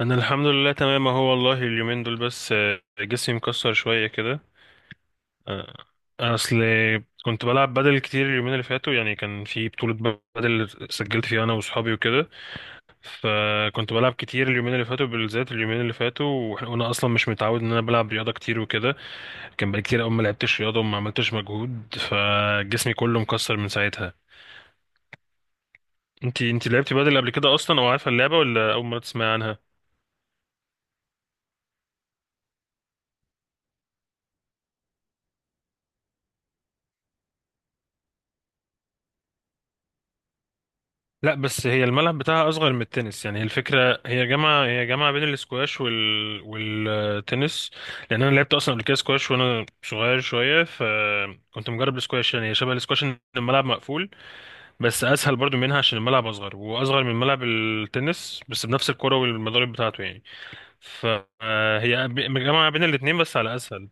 انا الحمد لله تمام اهو، والله اليومين دول بس جسمي مكسر شويه كده. آه، اصل كنت بلعب بدل كتير اليومين اللي فاتوا، يعني كان في بطوله بدل سجلت فيها انا واصحابي وكده. فكنت بلعب كتير اليومين اللي فاتوا بالذات اليومين اللي فاتوا واحنا وانا اصلا مش متعود ان انا بلعب رياضه كتير وكده. كان بقالي كتير قوي ما لعبتش رياضه وما عملتش مجهود، فجسمي كله مكسر من ساعتها. انتي لعبتي بدل قبل كده اصلا، او عارفه اللعبه، ولا اول مره تسمعي عنها؟ لا، بس هي الملعب بتاعها اصغر من التنس. يعني هي الفكره، هي جامعه بين الاسكواش وال... والتنس. لان انا لعبت اصلا قبل كده سكواش وانا صغير شويه، فكنت مجرب السكواش. يعني هي شبه الاسكواش، ان الملعب مقفول. بس اسهل برضو منها عشان الملعب اصغر، واصغر من ملعب التنس، بس بنفس الكره والمضارب بتاعته يعني. فهي جامعه بين الاتنين بس على اسهل.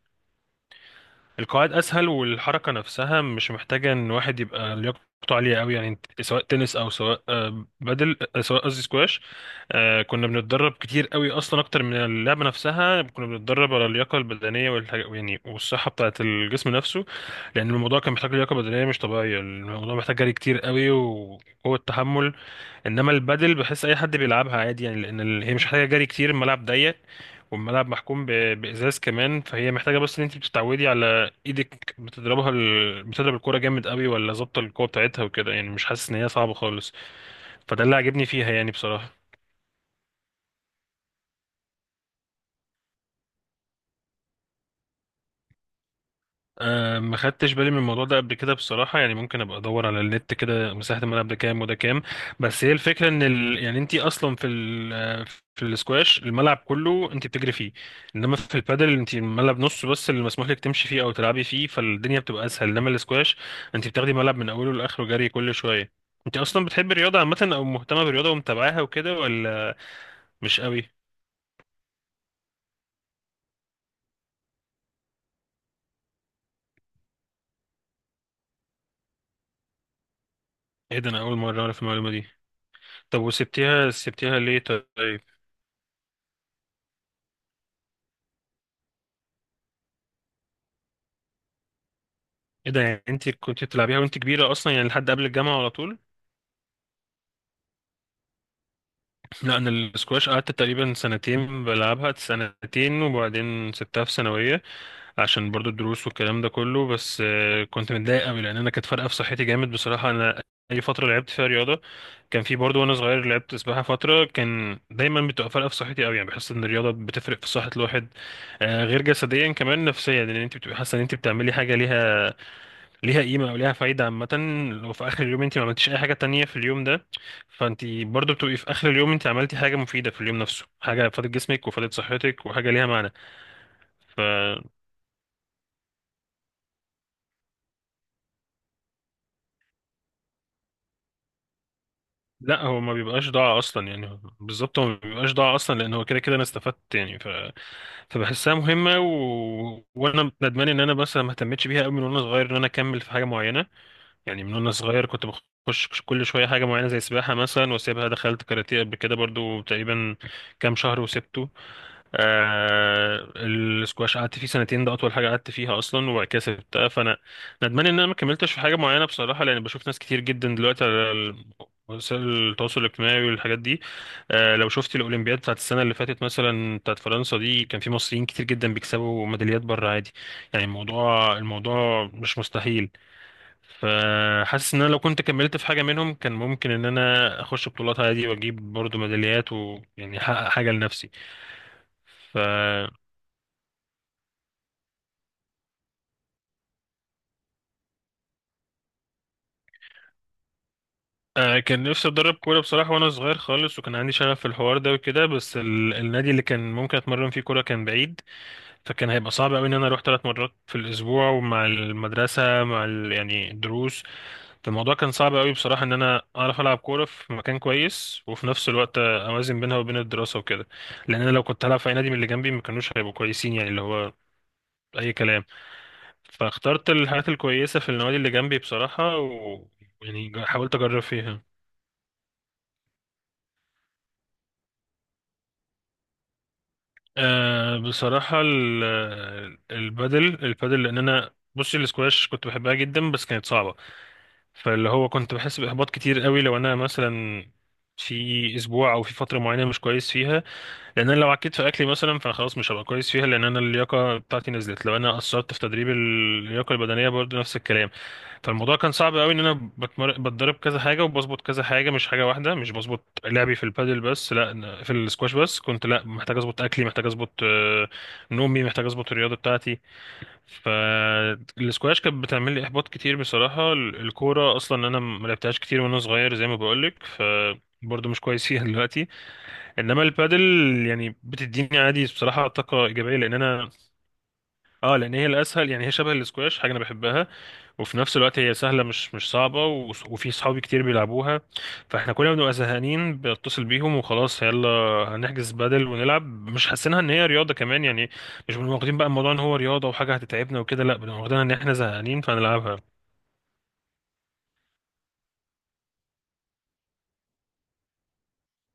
القواعد اسهل والحركه نفسها مش محتاجه ان واحد يبقى لياقته عاليه قوي. يعني سواء تنس او سواء بدل، سواء قصدي سكواش. كنا بنتدرب كتير قوي اصلا، اكتر من اللعبه نفسها. كنا بنتدرب على اللياقه البدنيه والحاجة يعني، والصحه بتاعه الجسم نفسه. لان الموضوع كان محتاج لياقه بدنيه مش طبيعيه. الموضوع محتاج جري كتير قوي وقوه تحمل. انما البادل، بحس اي حد بيلعبها عادي. يعني لان هي مش محتاجه جري كتير، الملعب ضيق. والملعب محكوم بازاز كمان. فهي محتاجه بس ان انت بتتعودي على ايدك، بتضرب الكوره جامد قوي ولا ظابطه القوه بتاعتها وكده. يعني مش حاسس ان هي صعبه خالص. فده اللي عجبني فيها يعني بصراحه. أه، ما خدتش بالي من الموضوع ده قبل كده بصراحة. يعني ممكن ابقى ادور على النت كده، مساحة الملعب ده كام وده كام. بس هي الفكرة ان يعني انت اصلا في ال... آه، في الاسكواش، الملعب كله انت بتجري فيه. انما في البادل، انت الملعب نصه بس اللي مسموح لك تمشي فيه او تلعبي فيه، فالدنيا بتبقى اسهل. انما الاسكواش، انت بتاخدي ملعب من اوله لاخره، جري كل شوية. انت اصلا بتحبي الرياضة عامة، او مهتمة بالرياضة ومتابعاها وكده، ولا مش قوي؟ ايه ده؟ انا اول مرة اعرف المعلومة دي. طب، وسبتيها ليه طيب؟ ايه ده؟ يعني انت كنت بتلعبيها وانت كبيرة اصلا يعني، لحد قبل الجامعة على طول؟ لا، انا السكواش قعدت تقريبا سنتين بلعبها سنتين، وبعدين سبتها في ثانوية. عشان برضو الدروس والكلام ده كله، بس كنت متضايق قوي لان انا كانت فارقة في صحتي جامد بصراحة. انا اي فترة لعبت فيها رياضة، كان في برضو وانا صغير لعبت سباحة فترة، كان دايما بتبقى فارقة في صحتي قوي. يعني بحس ان الرياضة بتفرق في صحة الواحد. غير جسديا، كمان نفسيا، لان انت بتبقى حاسة ان انت بتعملي حاجة ليها قيمة أو ليها فايدة عامة. لو في آخر اليوم أنت ما عملتيش أي حاجة تانية في اليوم ده، فأنت برضو بتبقي في آخر اليوم أنت عملتي حاجة مفيدة في اليوم نفسه، حاجة فادت جسمك وفادت صحتك، وحاجة ليها معنى. لا، هو ما بيبقاش ضاع أصلا يعني، بالظبط هو ما بيبقاش ضاع أصلا، لأن هو كده كده أنا استفدت يعني. فبحسها مهمة و... وأنا ندمان إن أنا مثلا ما اهتمتش بيها أوي من وأنا صغير، إن أنا أكمل في حاجة معينة. يعني من وانا صغير كنت بخش كل شويه حاجه معينه، زي سباحه مثلا واسيبها، دخلت كاراتيه قبل كده برضو تقريبا كام شهر وسبته. السكواش قعدت فيه سنتين، ده اطول حاجه قعدت فيها اصلا، وبعد كده سبتها. فانا ندمان ان انا ما كملتش في حاجه معينه بصراحه، لان بشوف ناس كتير جدا دلوقتي على وسائل التواصل الاجتماعي والحاجات دي. لو شفت الاولمبياد بتاعت السنه اللي فاتت مثلا، بتاعت فرنسا دي، كان في مصريين كتير جدا بيكسبوا ميداليات بره عادي. يعني الموضوع مش مستحيل. فحاسس ان انا لو كنت كملت في حاجه منهم كان ممكن ان انا اخش بطولات عادي، واجيب برضو ميداليات، ويعني احقق حاجه لنفسي. ف آه، كان نفسي اتدرب كوره بصراحه وانا صغير خالص، وكان عندي شغف في الحوار ده وكده. بس النادي اللي كان ممكن اتمرن فيه كوره كان بعيد. فكان هيبقى صعب قوي ان انا اروح 3 مرات في الاسبوع، ومع المدرسه، مع يعني الدروس. الموضوع كان صعب قوي بصراحة، ان انا اعرف العب كورة في مكان كويس وفي نفس الوقت اوازن بينها وبين الدراسة وكده. لان انا لو كنت هلعب في اي نادي من اللي جنبي، ما كانوش هيبقوا كويسين، يعني اللي هو اي كلام. فاخترت الحاجات الكويسة في النوادي اللي جنبي بصراحة، و يعني حاولت اجرب فيها. أه بصراحة، البادل. لان انا بصي الاسكواش كنت بحبها جدا بس كانت صعبة. فاللي هو كنت بحس باحباط كتير قوي لو انا مثلا في اسبوع او في فتره معينه مش كويس فيها. لان انا لو عكيت في اكلي مثلا، فانا خلاص مش هبقى كويس فيها، لان انا اللياقه بتاعتي نزلت. لو انا قصرت في تدريب اللياقه البدنيه برضه نفس الكلام. فالموضوع كان صعب قوي ان انا بتدرب كذا حاجه وبظبط كذا حاجه، مش حاجه واحده. مش بظبط لعبي في البادل بس، لا، أنا في السكواش بس كنت، لا، محتاج اظبط اكلي، محتاج اظبط نومي، محتاج اظبط الرياضه بتاعتي. فالسكواش كانت بتعمل لي احباط كتير بصراحه. الكوره اصلا انا ما لعبتهاش كتير وانا صغير زي ما بقولك، برضه مش كويس فيها دلوقتي. انما البادل يعني بتديني عادي بصراحه طاقه ايجابيه، لان انا. اه، لان هي الاسهل، يعني هي شبه الاسكواش حاجه انا بحبها، وفي نفس الوقت هي سهله، مش صعبه، و- وفي صحابي كتير بيلعبوها. فاحنا كلنا بنبقى زهقانين، بتصل بيهم وخلاص، يلا هنحجز بادل ونلعب. مش حاسينها ان هي رياضه كمان يعني. مش بنبقى واخدين بقى الموضوع ان هو رياضه وحاجه هتتعبنا وكده، لا، بنبقى واخدينها ان احنا زهقانين فهنلعبها.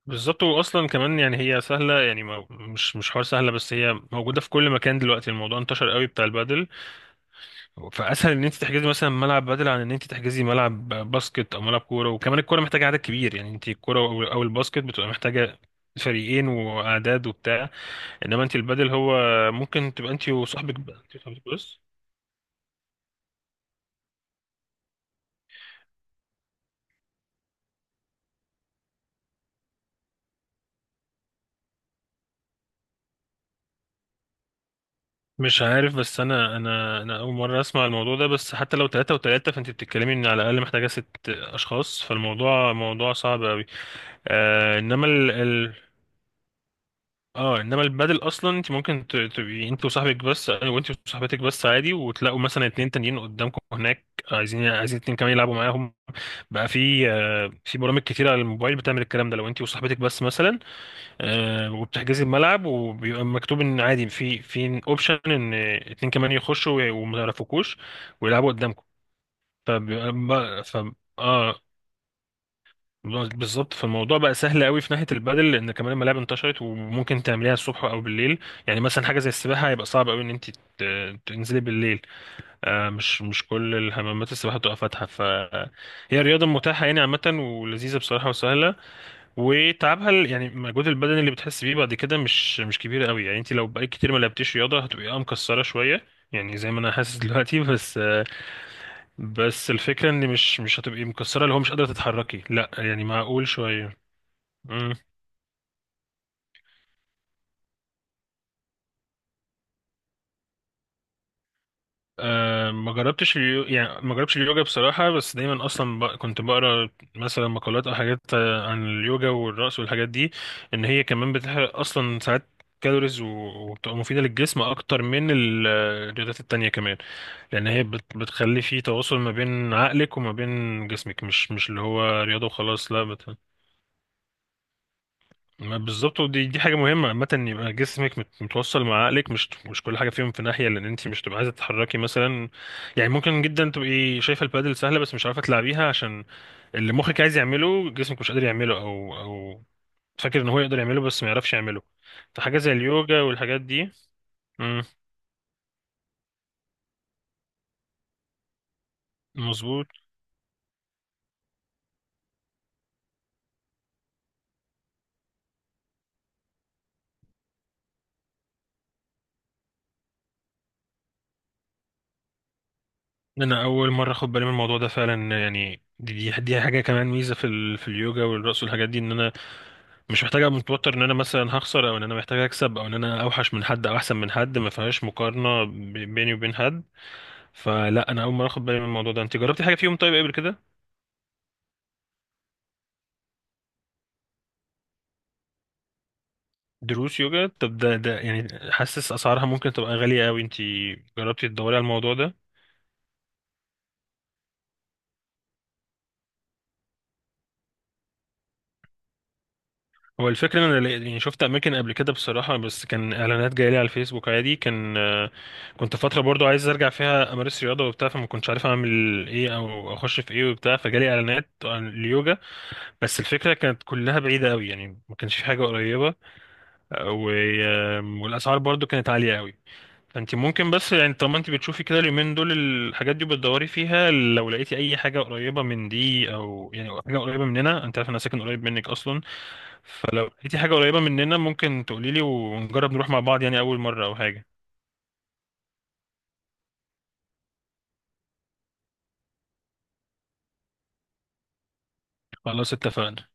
بالظبط، واصلا كمان يعني هي سهله يعني، ما مش حوار سهله بس، هي موجوده في كل مكان دلوقتي، الموضوع انتشر قوي بتاع البادل. فاسهل ان انت تحجزي مثلا ملعب بدل عن ان انت تحجزي ملعب باسكت او ملعب كوره. وكمان الكوره محتاجه عدد كبير، يعني انت الكوره او الباسكت بتبقى محتاجه فريقين واعداد وبتاع. انما انت البدل هو ممكن تبقى انت وصاحبك بس. مش عارف، بس انا اول مره اسمع الموضوع ده. بس حتى لو ثلاثة وثلاثة، فانت بتتكلمي ان على الاقل محتاجه 6 اشخاص، فالموضوع صعب قوي. آه انما اه انما البادل اصلا انت ممكن تبقي انت وصاحبك بس، وانت وصاحبتك بس عادي، وتلاقوا مثلا اتنين تانيين قدامكم هناك عايزين اتنين كمان يلعبوا معاهم. بقى في برامج كتير على الموبايل بتعمل الكلام ده، لو انت وصاحبتك بس مثلا. وبتحجزي الملعب، وبيبقى مكتوب ان عادي في اوبشن ان اتنين كمان يخشوا وما يعرفوكوش ويلعبوا قدامكم. فبيبقى ف... اه، بالظبط. فالموضوع بقى سهل قوي في ناحيه البادل، لان كمان الملاعب انتشرت وممكن تعمليها الصبح او بالليل. يعني مثلا حاجه زي السباحه هيبقى صعب قوي ان انت تنزلي بالليل. مش كل الحمامات السباحه بتبقى فاتحه. فهي رياضه متاحه يعني عامه، ولذيذه بصراحه وسهله. وتعبها يعني المجهود البدني اللي بتحس بيه بعد كده مش كبير قوي. يعني انت لو بقالك كتير ما لعبتيش رياضه، هتبقي مكسره شويه. يعني زي ما انا حاسس دلوقتي. بس الفكره ان مش هتبقي مكسره اللي هو مش قادره تتحركي، لا، يعني معقول شويه. أه، ما جربتش اليو... يعني ما جربتش اليوجا بصراحة، بس دايما أصلا كنت بقرا مثلا مقالات أو حاجات عن اليوجا والرقص والحاجات دي. إن هي كمان بتحرق أصلا ساعات كالوريز و... وبتبقى مفيدة للجسم أكتر من الرياضات التانية كمان. لأن هي بتخلي فيه تواصل ما بين عقلك وما بين جسمك، مش اللي هو رياضة وخلاص، لا. ما بالظبط، ودي دي حاجه مهمه عامه، ان يبقى جسمك متوصل مع عقلك، مش كل حاجه فيهم في ناحيه، لان انت مش تبقى عايزه تتحركي مثلا. يعني ممكن جدا تبقي شايفه البادل سهله بس مش عارفه تلعبيها، عشان اللي مخك عايز يعمله جسمك مش قادر يعمله، او فاكر ان هو يقدر يعمله بس ما يعرفش يعمله. فحاجه زي اليوجا والحاجات دي. امم. مظبوط. انا اول مره اخد بالي من الموضوع ده فعلا، يعني دي حاجه كمان ميزه في اليوجا والرقص والحاجات دي، ان انا مش محتاج ابقى متوتر ان انا مثلا هخسر، او ان انا محتاج اكسب، او ان انا اوحش من حد او احسن من حد، ما فيهاش مقارنه بيني وبين حد. فلا، انا اول مره اخد بالي من الموضوع ده. انت جربتي حاجه فيهم طيب قبل كده؟ دروس يوجا؟ طب ده يعني، حاسس اسعارها ممكن تبقى غاليه قوي. انت جربتي تدوري على الموضوع ده؟ هو الفكره ان انا يعني شفت اماكن قبل كده بصراحه، بس كان اعلانات جايه لي على الفيسبوك عادي، كان آه، كنت فتره برضو عايز ارجع فيها امارس رياضه وبتاع، فما كنتش عارف اعمل ايه او اخش في ايه وبتاع، فجالي اعلانات عن اليوجا. بس الفكرة كانت كلها بعيدة قوي، يعني ما كانش في حاجة قريبة، و... والأسعار برضو كانت عالية قوي. فانت ممكن بس يعني، طالما انت بتشوفي كده اليومين دول الحاجات دي بتدوري فيها، لو لقيتي اي حاجة قريبة من دي او يعني أو حاجة قريبة مننا، انت عارف انا ساكن قريب منك اصلا. فلو لقيتي حاجة قريبة مننا ممكن تقولي لي، ونجرب نروح مع بعض، يعني اول مرة او حاجة. خلاص، اتفقنا.